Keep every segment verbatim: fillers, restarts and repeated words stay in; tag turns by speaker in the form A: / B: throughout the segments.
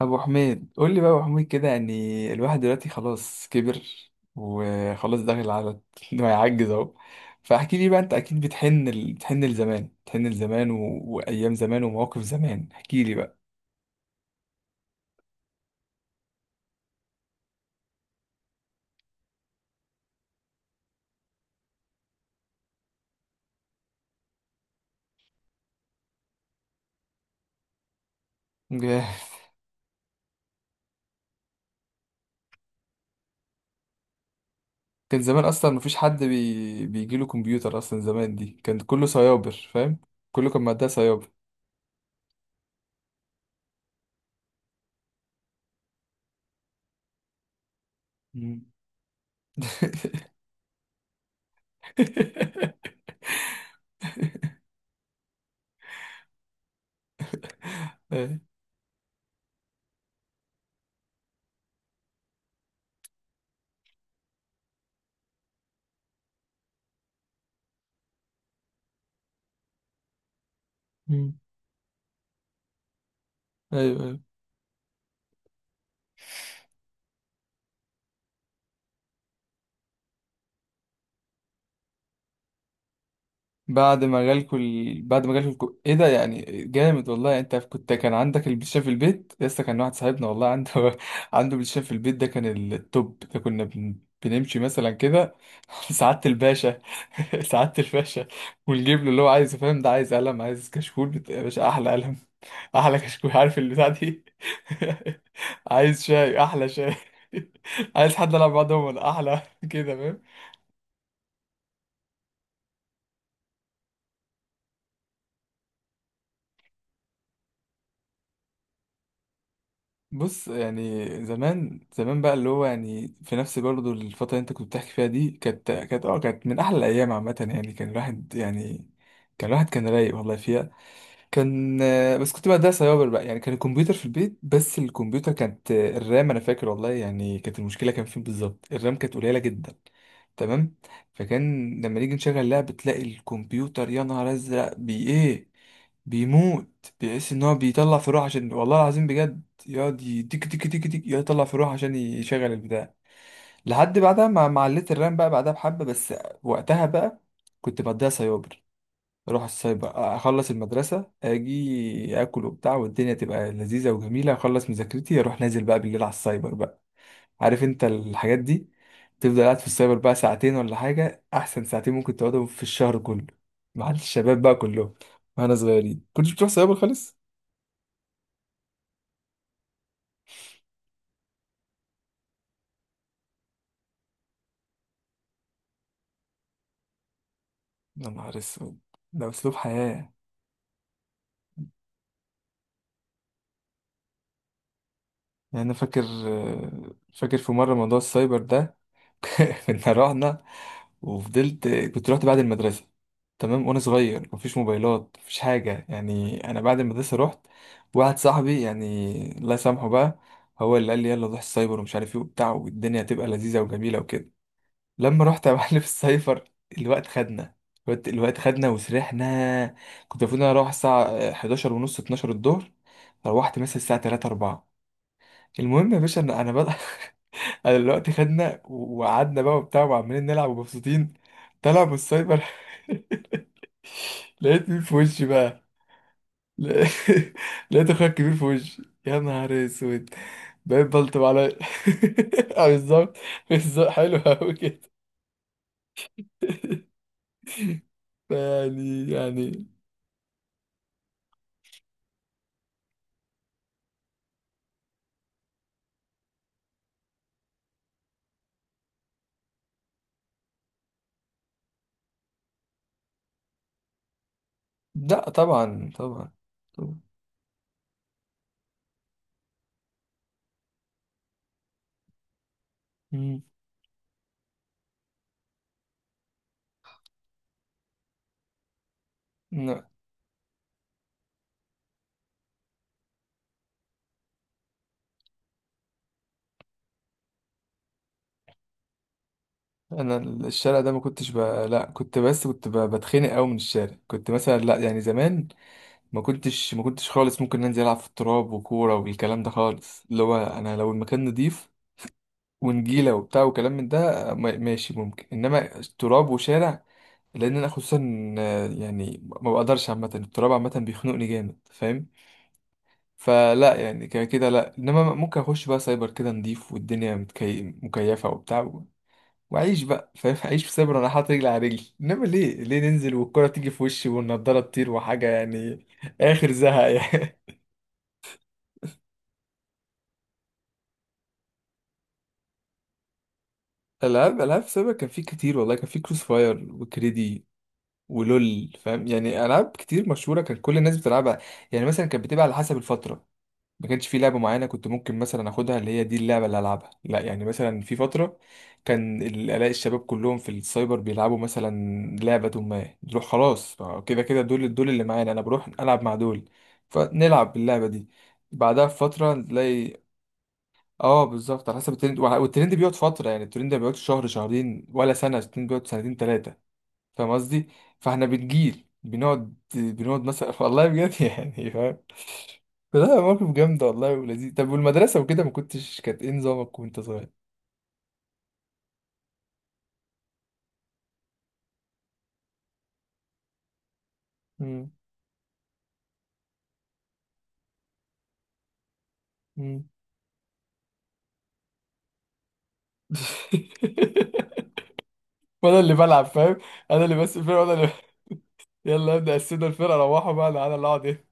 A: ابو حميد، قول لي بقى يا ابو حميد كده. يعني الواحد دلوقتي خلاص كبر وخلاص داخل على انه هيعجز اهو. فاحكي لي بقى، انت اكيد بتحن ال... بتحن لزمان بتحن لزمان و... وايام زمان ومواقف زمان، احكي لي بقى. جاه. كان زمان اصلا مفيش حد بي... بيجي له كمبيوتر اصلا. زمان دي كان كله سيابر، فاهم؟ كله كان معدها سيابر. مم. ايوه ايوه. بعد ما جالكوا ال... بعد ما جالكوا الكو... ايه ده؟ يعني جامد والله. يعني انت كنت كان عندك البلاي ستيشن في البيت لسه؟ كان واحد صاحبنا والله عنده عنده بلاي ستيشن في البيت، ده كان التوب ده. كنا بن... بنمشي مثلا كده سعادة الباشا، سعادة الباشا، ونجيب له اللي هو عايزه، فاهم؟ ده عايز قلم، عايز كشكول بت... يا باشا احلى قلم، احلى كشكول، عارف البتاع دي؟ عايز شاي، احلى شاي، عايز حد يلعب بعضهم، احلى كده. بص، يعني زمان زمان بقى، اللي هو يعني في نفس برضه الفترة اللي انت كنت بتحكي فيها دي، كانت كانت اه كانت من أحلى الأيام عامة. يعني كان الواحد يعني كان الواحد كان رايق والله فيها. كان آه، بس كنت بقى ده سايبر بقى. يعني كان الكمبيوتر في البيت، بس الكمبيوتر كانت آه، الرام انا فاكر والله، يعني كانت المشكله كان فين بالظبط، الرام كانت قليله جدا. تمام؟ فكان لما نيجي نشغل لعبه تلاقي الكمبيوتر، يا نهار ازرق، بي ايه؟ بيموت، بيحس ان هو بيطلع في روح. عشان والله العظيم بجد يقعد ي- تك تك تك تك، يقعد يطلع في روح عشان يشغل البتاع. لحد بعدها ما ما عليت الرام بقى، بعدها بحبه بس. وقتها بقى كنت بديها سايبر. اروح السايبر، اخلص المدرسه اجي اكل وبتاع والدنيا تبقى لذيذه وجميله، اخلص مذاكرتي اروح نازل بقى بالليل على السايبر بقى، عارف انت الحاجات دي؟ تفضل قاعد في السايبر بقى ساعتين ولا حاجه، احسن ساعتين ممكن تقعدهم في الشهر كله، مع الشباب بقى كلهم. واحنا صغيرين كنتش بتروح سايبر خالص؟ يا نهار اسود، ده اسلوب حياه. يعني انا فاكر فاكر في مره موضوع السايبر ده، كنا رحنا، وفضلت كنت رحت بعد المدرسة، تمام؟ وانا صغير، مفيش موبايلات مفيش حاجة، يعني انا بعد المدرسة رحت واحد صاحبي، يعني الله يسامحه بقى، هو اللي قال لي يلا نروح السايبر ومش عارف ايه وبتاع، والدنيا هتبقى لذيذة وجميلة وكده. لما رحت يا معلم السايبر، الوقت خدنا، الوقت الوقت خدنا وسرحنا. كنت المفروض إن انا اروح الساعة احداشر ونص اتناشر الظهر، روحت مثلا الساعة الثالثة اربعه. المهم يا باشا، انا انا بدأ، انا دلوقتي خدنا و- وقعدنا بقى وبتاع وعمالين نلعب ومبسوطين. طلع من السايبر لقيت مين في وشي بقى؟ لا- لقيت اخويا الكبير في وشي، يا نهار اسود. بقيت بلطم عليا. آه، بالظبط، بالظبط حلو قوي كده. يعني يعني، لا طبعا طبعا. طبعا. مم. لا انا الشارع ده ما كنتش ب... لا كنت، بس كنت ب... بتخنق قوي من الشارع. كنت مثلا لا، يعني زمان ما كنتش ما كنتش خالص ممكن انزل العب في التراب وكوره والكلام ده خالص. اللي هو انا لو المكان نضيف ونجيله وبتاع وكلام من ده، ما- ماشي ممكن، انما تراب وشارع، لان انا خصوصا آه، يعني ما بقدرش، عامه التراب عامه بيخنقني جامد، فاهم؟ فلا يعني كده كده لا، انما ممكن اخش بقى سايبر كده نضيف والدنيا متكي... مكيفه وبتاع و- واعيش بقى، فاهم؟ اعيش في سايبر انا حاطط رجلي على رجلي، انما ليه ليه ننزل والكره تيجي في وشي والنضاره تطير وحاجه، يعني اخر زهق يعني. العاب، العاب سابقا كان في كتير والله، كان في كروس فاير وكريدي ولول، فاهم؟ يعني العاب كتير مشهوره كان كل الناس بتلعبها. يعني مثلا كانت بتبقى على حسب الفتره، ما كانش في لعبه معينه كنت ممكن مثلا اخدها اللي هي دي اللعبه اللي العبها، لا. يعني مثلا في فتره كان ال- الاقي الشباب كلهم في السايبر بيلعبوا مثلا لعبه، ما نروح خلاص، كده كده دول دول اللي معانا، انا بروح العب مع دول، فنلعب باللعبه دي. بعدها بفترة نلاقي، اه بالظبط على حسب الترند، وع- والترند بيقعد فتره، يعني الترند ما بيقعدش شهر شهرين ولا سنه، الترند بيقعد سنتين ثلاثه، فاهم قصدي؟ فاحنا بنجيل بنقعد، بنقعد مثلا والله بجد، يعني فاهم. لا موقف جامد والله ولذيذ. طب والمدرسه وكده ما كنتش كانت ايه نظامك وانت صغير؟ مم. مم. وانا اللي بلعب، فاهم؟ انا اللي بس الفرقه وانا اللي يلا ابدا اسيب الفرقه روحوا بقى، انا اللي اقعد ايه.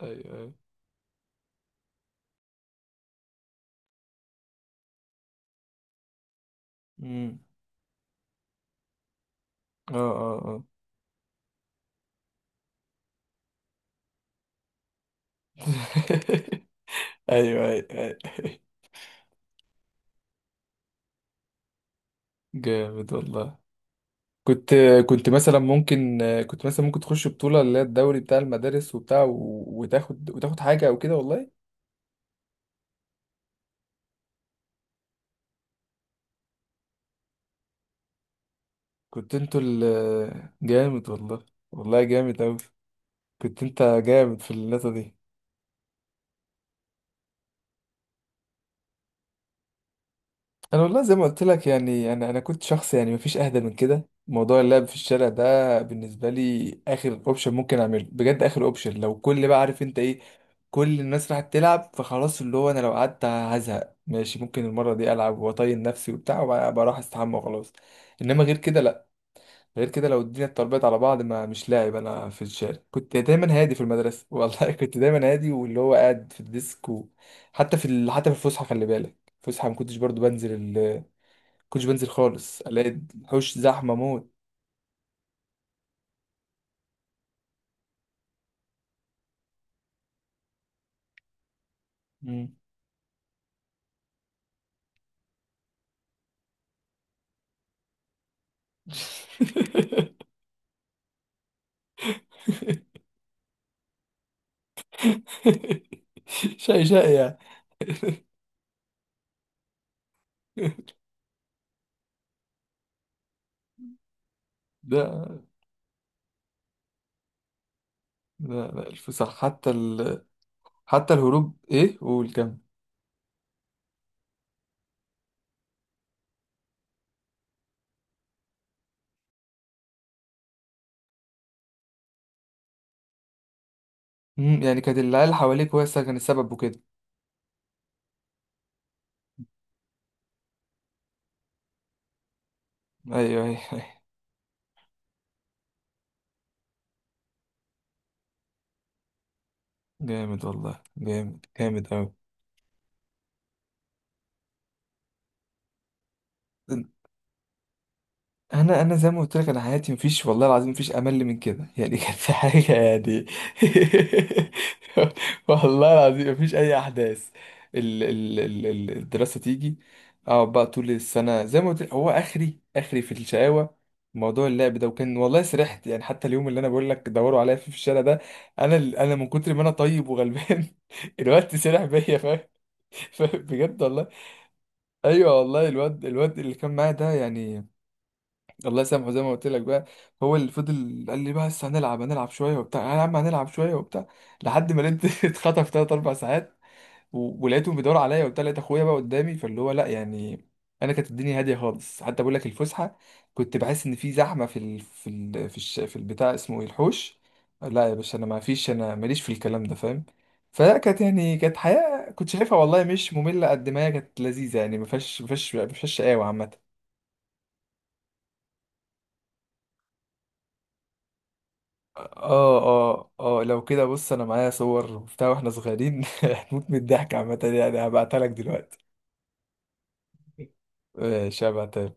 A: ايوه ايوه، امم، اه اه اه. ايوه ايوه ايوه، جامد والله. كنت، كنت مثلا ممكن كنت مثلا ممكن تخش بطولة اللي هي الدوري بتاع المدارس وبتاع و- وتاخد، وتاخد حاجة او كده والله؟ كنت انتوا ال جامد والله، والله جامد اوي، كنت انت جامد في النقطة دي. انا والله زي ما قلت لك، يعني انا انا كنت شخص يعني مفيش اهدى من كده. موضوع اللعب في الشارع ده بالنسبه لي اخر اوبشن ممكن اعمله بجد، اخر اوبشن، لو كل بقى عارف انت ايه، كل الناس راحت تلعب فخلاص، اللي هو انا لو قعدت هزهق، ماشي ممكن المره دي العب واطين نفسي وبتاع، وبقى بروح استحمى وخلاص. انما غير كده لا، غير كده لو الدنيا اتربيت على بعض ما مش لاعب انا في الشارع. كنت دايما هادي في المدرسه، والله كنت دايما هادي واللي هو قاعد في الديسك و... حتى في ال... حتى في الفسحه خلي بالك، فسحة ما كنتش برضو بنزل، كنتش بنزل خالص، الاقي الحوش زحمه موت. مم. شقي شقي يعني. لا لا لا، الفسح حتى ال... حتى الهروب، ايه قول كم. مم، يعني كانت العيال اللي حواليك هو أصلاً كان السبب وكده. ايوه ايوه أيوة. جامد والله، جامد جامد اوي. انا انا زي ما قلت لك، انا حياتي مفيش والله العظيم مفيش امل من كده يعني كان في حاجه يعني، والله العظيم مفيش اي احداث. ال ال ال ال- الدراسه تيجي، اقعد بقى طول السنه، زي ما قلت لك هو اخري اخري في الشقاوه موضوع اللعب ده. وكان والله سرحت، يعني حتى اليوم اللي انا بقول لك دوروا عليا فيه في الشارع ده، انا انا من كتر ما انا طيب وغلبان، الوقت سرح بيا، فاهم؟ فاهم؟ بجد والله. ايوه والله، الواد، الواد اللي كان معايا ده يعني الله يسامحه زي ما قلت لك بقى، هو اللي فضل قال لي بقى بس هنلعب، هنلعب شويه وبتاع يا عم، هنلعب شويه وبتاع. لحد ما لقيت اتخطف تلات اربع ساعات، و- ولقيتهم بيدوروا عليا وبتاع، لقيت اخويا بقى قدامي، فاللي هو لا يعني. انا كانت الدنيا هاديه خالص، حتى بقول لك الفسحه كنت بحس ان في زحمه في ال... في ال... في, الش... في البتاع اسمه ايه، الحوش. لا يا باشا انا ما فيش، انا ماليش في الكلام ده، فاهم؟ فلا كانت يعني، كانت حياه كنت شايفها والله مش ممله قد ما هي كانت لذيذه. يعني ما فيهاش ما فيهاش ما فيهاش شقاوه عامه. اه اه اه، لو كده بص، انا معايا صور وبتاع واحنا صغيرين هتموت من الضحك عامة، يعني هبعتها لك دلوقتي. ماشي هبعتها.